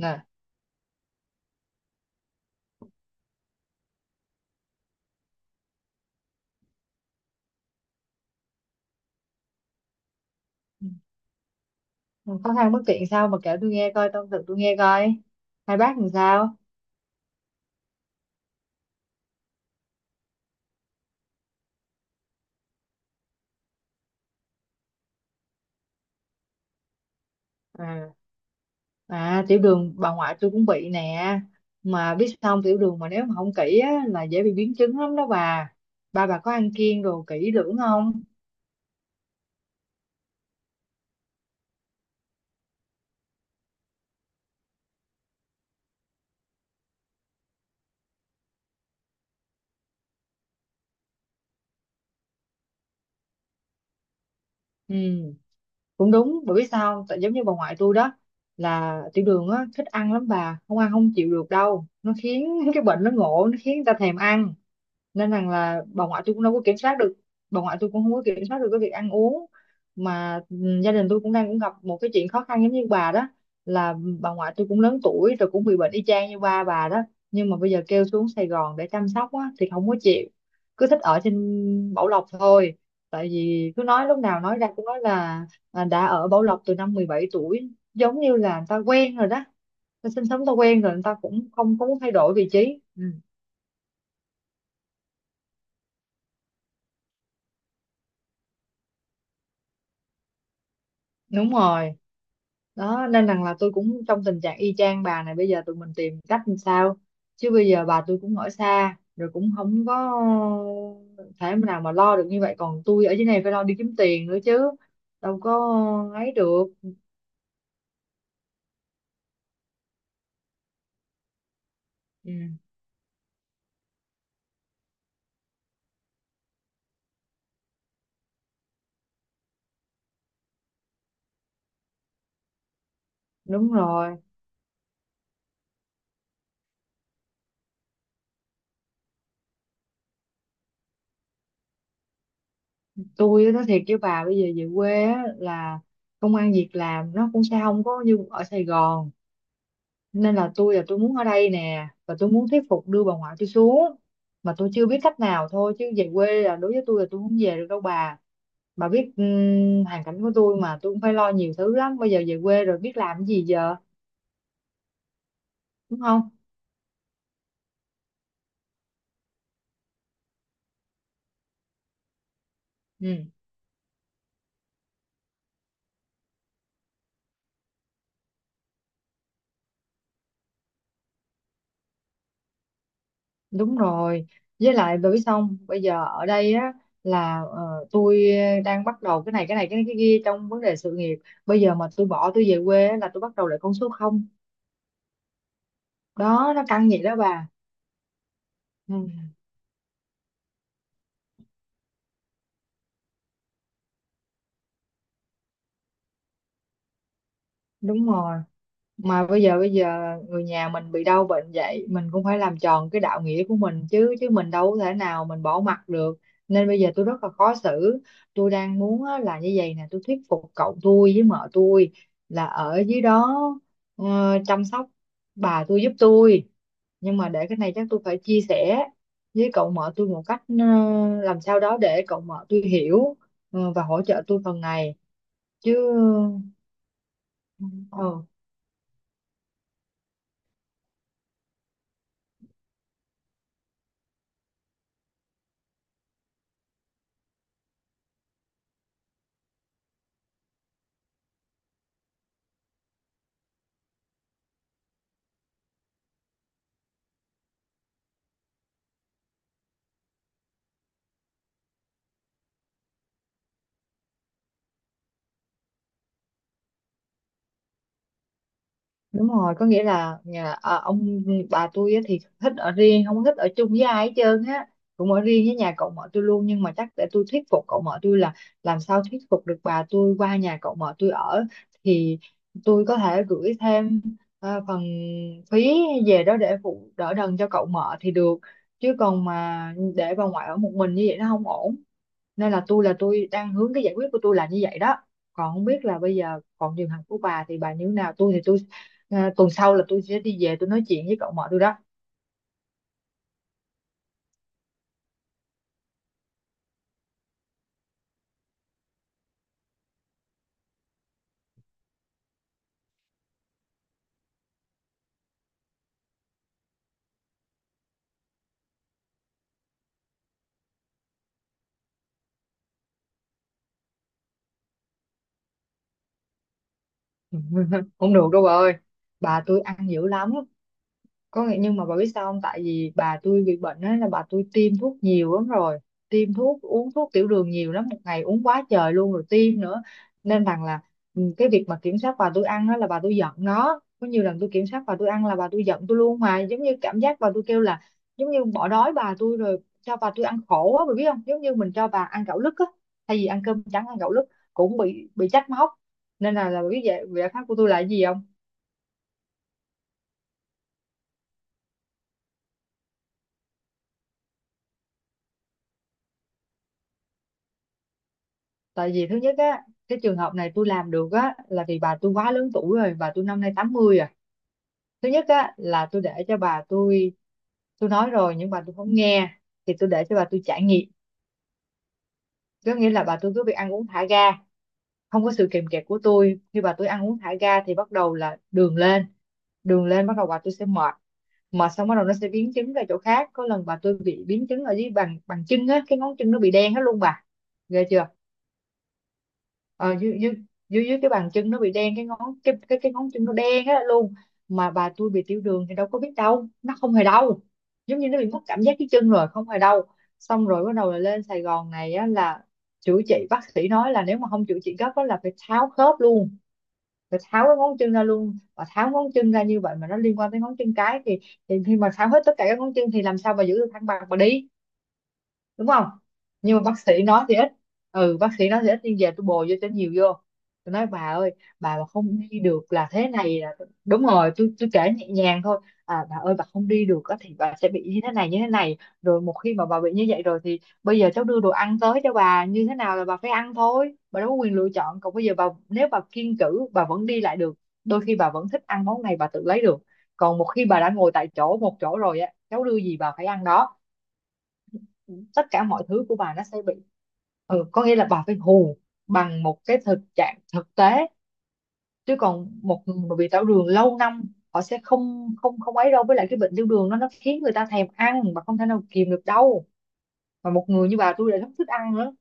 Nè, khó khăn bất tiện sao mà kể tôi nghe coi, tâm sự tôi nghe coi, hai bác làm sao. À à tiểu đường bà ngoại tôi cũng bị nè. Mà biết xong, tiểu đường mà nếu mà không kỹ á, là dễ bị biến chứng lắm đó bà. Ba bà có ăn kiêng đồ kỹ lưỡng không? Ừ, cũng đúng, bởi biết sao không? Tại giống như bà ngoại tôi đó, là tiểu đường á, thích ăn lắm, bà không ăn không chịu được đâu, nó khiến cái bệnh nó ngộ, nó khiến người ta thèm ăn, nên rằng là bà ngoại tôi cũng đâu có kiểm soát được. Bà ngoại tôi cũng không có kiểm soát được cái việc ăn uống mà. Ừ, Gia đình tôi cũng đang gặp một cái chuyện khó khăn giống như bà đó, là bà ngoại tôi cũng lớn tuổi rồi, cũng bị bệnh y chang như ba bà đó, nhưng mà bây giờ kêu xuống Sài Gòn để chăm sóc á thì không có chịu, cứ thích ở trên Bảo Lộc thôi. Tại vì cứ nói, lúc nào nói ra cũng nói là đã ở Bảo Lộc từ năm 17 tuổi, giống như là người ta quen rồi đó, ta sinh sống ta quen rồi, người ta cũng không có muốn thay đổi vị trí. Ừ, Đúng rồi, đó nên rằng là tôi cũng trong tình trạng y chang bà. Này bây giờ tụi mình tìm cách làm sao, chứ bây giờ bà tôi cũng ở xa rồi, cũng không có thể nào mà lo được như vậy, còn tôi ở dưới này phải lo đi kiếm tiền nữa chứ, đâu có ấy được. Ừ, đúng rồi. Tôi á, nói thiệt với bà, bây giờ về quê á, là công ăn việc làm nó cũng sẽ không có như ở Sài Gòn, nên là tôi muốn ở đây nè, và tôi muốn thuyết phục đưa bà ngoại tôi xuống, mà tôi chưa biết cách nào thôi, chứ về quê là đối với tôi là tôi không về được đâu bà. Bà biết hoàn cảnh của tôi mà, tôi cũng phải lo nhiều thứ lắm, bây giờ về quê rồi biết làm cái gì giờ, đúng không? Ừ, đúng rồi. Với lại bởi vì xong bây giờ ở đây á, là tôi đang bắt đầu cái này cái này cái kia trong vấn đề sự nghiệp. Bây giờ mà tôi bỏ tôi về quê á, là tôi bắt đầu lại con số không. Đó, nó căng vậy đó bà. Ừ, đúng rồi. Mà bây giờ người nhà mình bị đau bệnh vậy, mình cũng phải làm tròn cái đạo nghĩa của mình chứ, chứ mình đâu có thể nào mình bỏ mặc được. Nên bây giờ tôi rất là khó xử. Tôi đang muốn á, là như vậy nè, tôi thuyết phục cậu tôi với mợ tôi là ở dưới đó ờ, chăm sóc bà tôi giúp tôi. Nhưng mà để cái này chắc tôi phải chia sẻ với cậu mợ tôi một cách làm sao đó để cậu mợ tôi hiểu và hỗ trợ tôi phần này chứ. ờ, Đúng rồi, có nghĩa là nhà ông bà tôi á thì thích ở riêng, không thích ở chung với ai hết trơn á, cũng ở riêng với nhà cậu mợ tôi luôn. Nhưng mà chắc để tôi thuyết phục cậu mợ tôi là làm sao thuyết phục được bà tôi qua nhà cậu mợ tôi ở, thì tôi có thể gửi thêm phần phí về đó để phụ đỡ đần cho cậu mợ thì được, chứ còn mà để bà ngoại ở một mình như vậy nó không ổn. Nên là tôi đang hướng cái giải quyết của tôi là như vậy đó. Còn không biết là bây giờ còn trường hợp của bà thì bà như thế nào, tôi thì tôi tuần sau là tôi sẽ đi về tôi nói chuyện với cậu mợ tôi đó. Không được đâu bà ơi, bà tôi ăn dữ lắm. Có nghĩa, nhưng mà bà biết sao không, tại vì bà tôi bị bệnh á, là bà tôi tiêm thuốc nhiều lắm rồi, tiêm thuốc uống thuốc tiểu đường nhiều lắm, một ngày uống quá trời luôn rồi tiêm nữa, nên rằng là cái việc mà kiểm soát bà tôi ăn á là bà tôi giận. Nó có nhiều lần tôi kiểm soát bà tôi ăn là bà tôi giận tôi luôn, mà giống như cảm giác bà tôi kêu là giống như bỏ đói bà tôi rồi cho bà tôi ăn khổ á, bà biết không, giống như mình cho bà ăn gạo lứt á, thay vì ăn cơm trắng ăn gạo lứt, cũng bị trách móc. Nên là bà biết vậy, giải pháp của tôi là cái gì không? Tại vì thứ nhất á, cái trường hợp này tôi làm được á là vì bà tôi quá lớn tuổi rồi, bà tôi năm nay 80. Thứ nhất á là tôi để cho bà tôi nói rồi nhưng bà tôi không nghe, thì tôi để cho bà tôi trải nghiệm. Có nghĩa là bà tôi cứ việc ăn uống thả ga, không có sự kìm kẹp của tôi. Khi bà tôi ăn uống thả ga thì bắt đầu là đường lên, đường lên bắt đầu bà tôi sẽ mệt, mệt xong bắt đầu nó sẽ biến chứng ra chỗ khác. Có lần bà tôi bị biến chứng ở dưới bàn bàn chân á, cái ngón chân nó bị đen hết luôn bà. Ghê chưa? Ờ, dưới, dưới, dưới dưới cái bàn chân nó bị đen cái ngón, cái ngón chân nó đen á luôn. Mà bà tôi bị tiểu đường thì đâu có biết đâu, nó không hề đau, giống như nó bị mất cảm giác cái chân rồi, không hề đau. Xong rồi bắt đầu là lên Sài Gòn này á, là chữa trị. Bác sĩ nói là nếu mà không chữa trị gấp á là phải tháo khớp luôn, phải tháo cái ngón chân ra luôn. Và tháo ngón chân ra như vậy mà nó liên quan tới ngón chân cái, thì khi mà tháo hết tất cả các ngón chân thì làm sao mà giữ được thăng bằng mà đi, đúng không? Nhưng mà bác sĩ nói thì ít, ừ, bác sĩ nói thì ít nhưng về tôi bồi vô cho nhiều vô. Tôi nói bà ơi, bà mà không đi được là thế này là, đúng rồi, tôi kể nhẹ nhàng thôi. À bà ơi, bà không đi được á thì bà sẽ bị như thế này như thế này, rồi một khi mà bà bị như vậy rồi thì bây giờ cháu đưa đồ ăn tới cho bà như thế nào là bà phải ăn thôi, bà đâu có quyền lựa chọn. Còn bây giờ bà, nếu bà kiêng cữ bà vẫn đi lại được, đôi khi bà vẫn thích ăn món này bà tự lấy được, còn một khi bà đã ngồi tại chỗ một chỗ rồi á, cháu đưa gì bà phải ăn đó, tất cả mọi thứ của bà nó sẽ bị. Có nghĩa là bà phải hù bằng một cái thực trạng thực tế, chứ còn một người mà bị tiểu đường lâu năm họ sẽ không không không ấy đâu. Với lại cái bệnh tiểu đường nó khiến người ta thèm ăn mà không thể nào kìm được đâu, mà một người như bà tôi lại rất thích ăn nữa.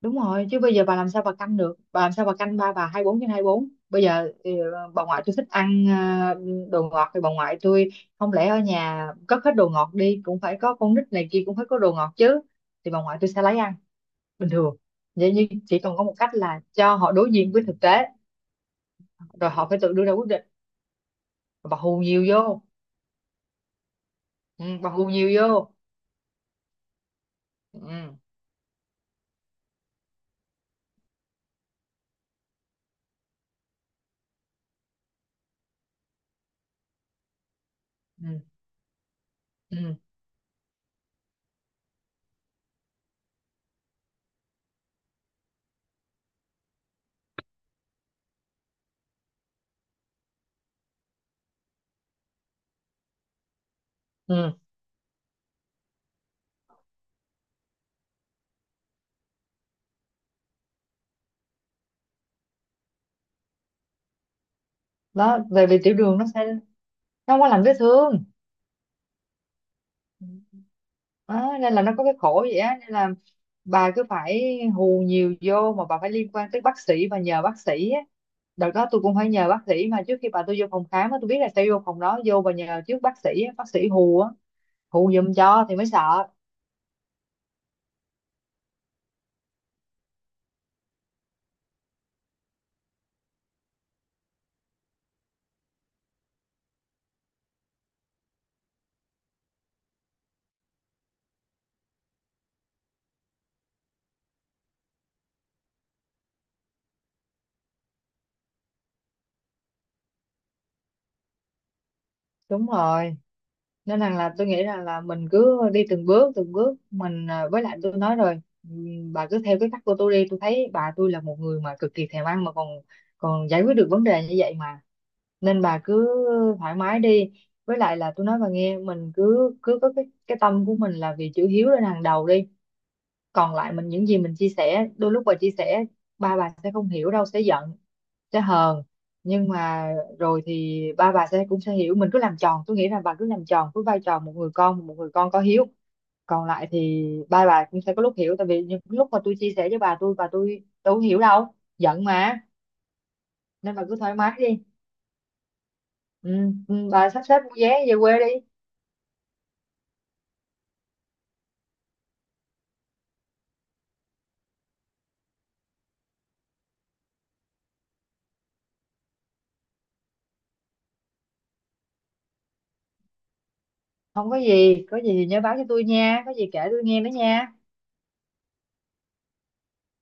Đúng rồi, chứ bây giờ bà làm sao bà canh được, bà làm sao bà canh ba bà 24/24? Bây giờ bà ngoại tôi thích ăn đồ ngọt, thì bà ngoại tôi, không lẽ ở nhà cất hết đồ ngọt đi, cũng phải có con nít này kia, cũng phải có đồ ngọt chứ, thì bà ngoại tôi sẽ lấy ăn bình thường vậy. Nhưng chỉ cần có một cách là cho họ đối diện với thực tế, rồi họ phải tự đưa ra quyết định, và hù nhiều vô. Ừ, và hù nhiều vô. Ừ, ừ, ừ, ừ. Đó, về vì tiểu đường nó sẽ nó không có lành vết thương. Đó, nên là nó có cái khổ vậy á, nên là bà cứ phải hù nhiều vô, mà bà phải liên quan tới bác sĩ và nhờ bác sĩ á. Đợt đó tôi cũng phải nhờ bác sĩ, mà trước khi bà tôi vô phòng khám á, tôi biết là sẽ vô phòng đó, vô và nhờ trước bác sĩ á, bác sĩ hù á, hù giùm cho thì mới sợ. Đúng rồi, nên rằng là tôi nghĩ rằng là mình cứ đi từng bước mình, à, với lại tôi nói rồi, bà cứ theo cái cách của tôi đi. Tôi thấy bà tôi là một người mà cực kỳ thèm ăn mà còn còn giải quyết được vấn đề như vậy mà, nên bà cứ thoải mái đi. Với lại là tôi nói bà nghe, mình cứ cứ có cái tâm của mình là vì chữ hiếu lên hàng đầu đi. Còn lại mình, những gì mình chia sẻ đôi lúc, bà chia sẻ ba bà sẽ không hiểu đâu, sẽ giận, sẽ hờn, nhưng mà rồi thì ba bà sẽ cũng sẽ hiểu. Mình cứ làm tròn, tôi nghĩ là bà cứ làm tròn với vai trò một người con, một người con có hiếu. Còn lại thì ba bà cũng sẽ có lúc hiểu, tại vì những lúc mà tôi chia sẻ với bà tôi, bà tôi không hiểu đâu, giận mà, nên bà cứ thoải mái đi. Ừ, ừ, bà sắp xếp mua vé về quê đi. Không có gì, có gì thì nhớ báo cho tôi nha, có gì kể tôi nghe nữa nha.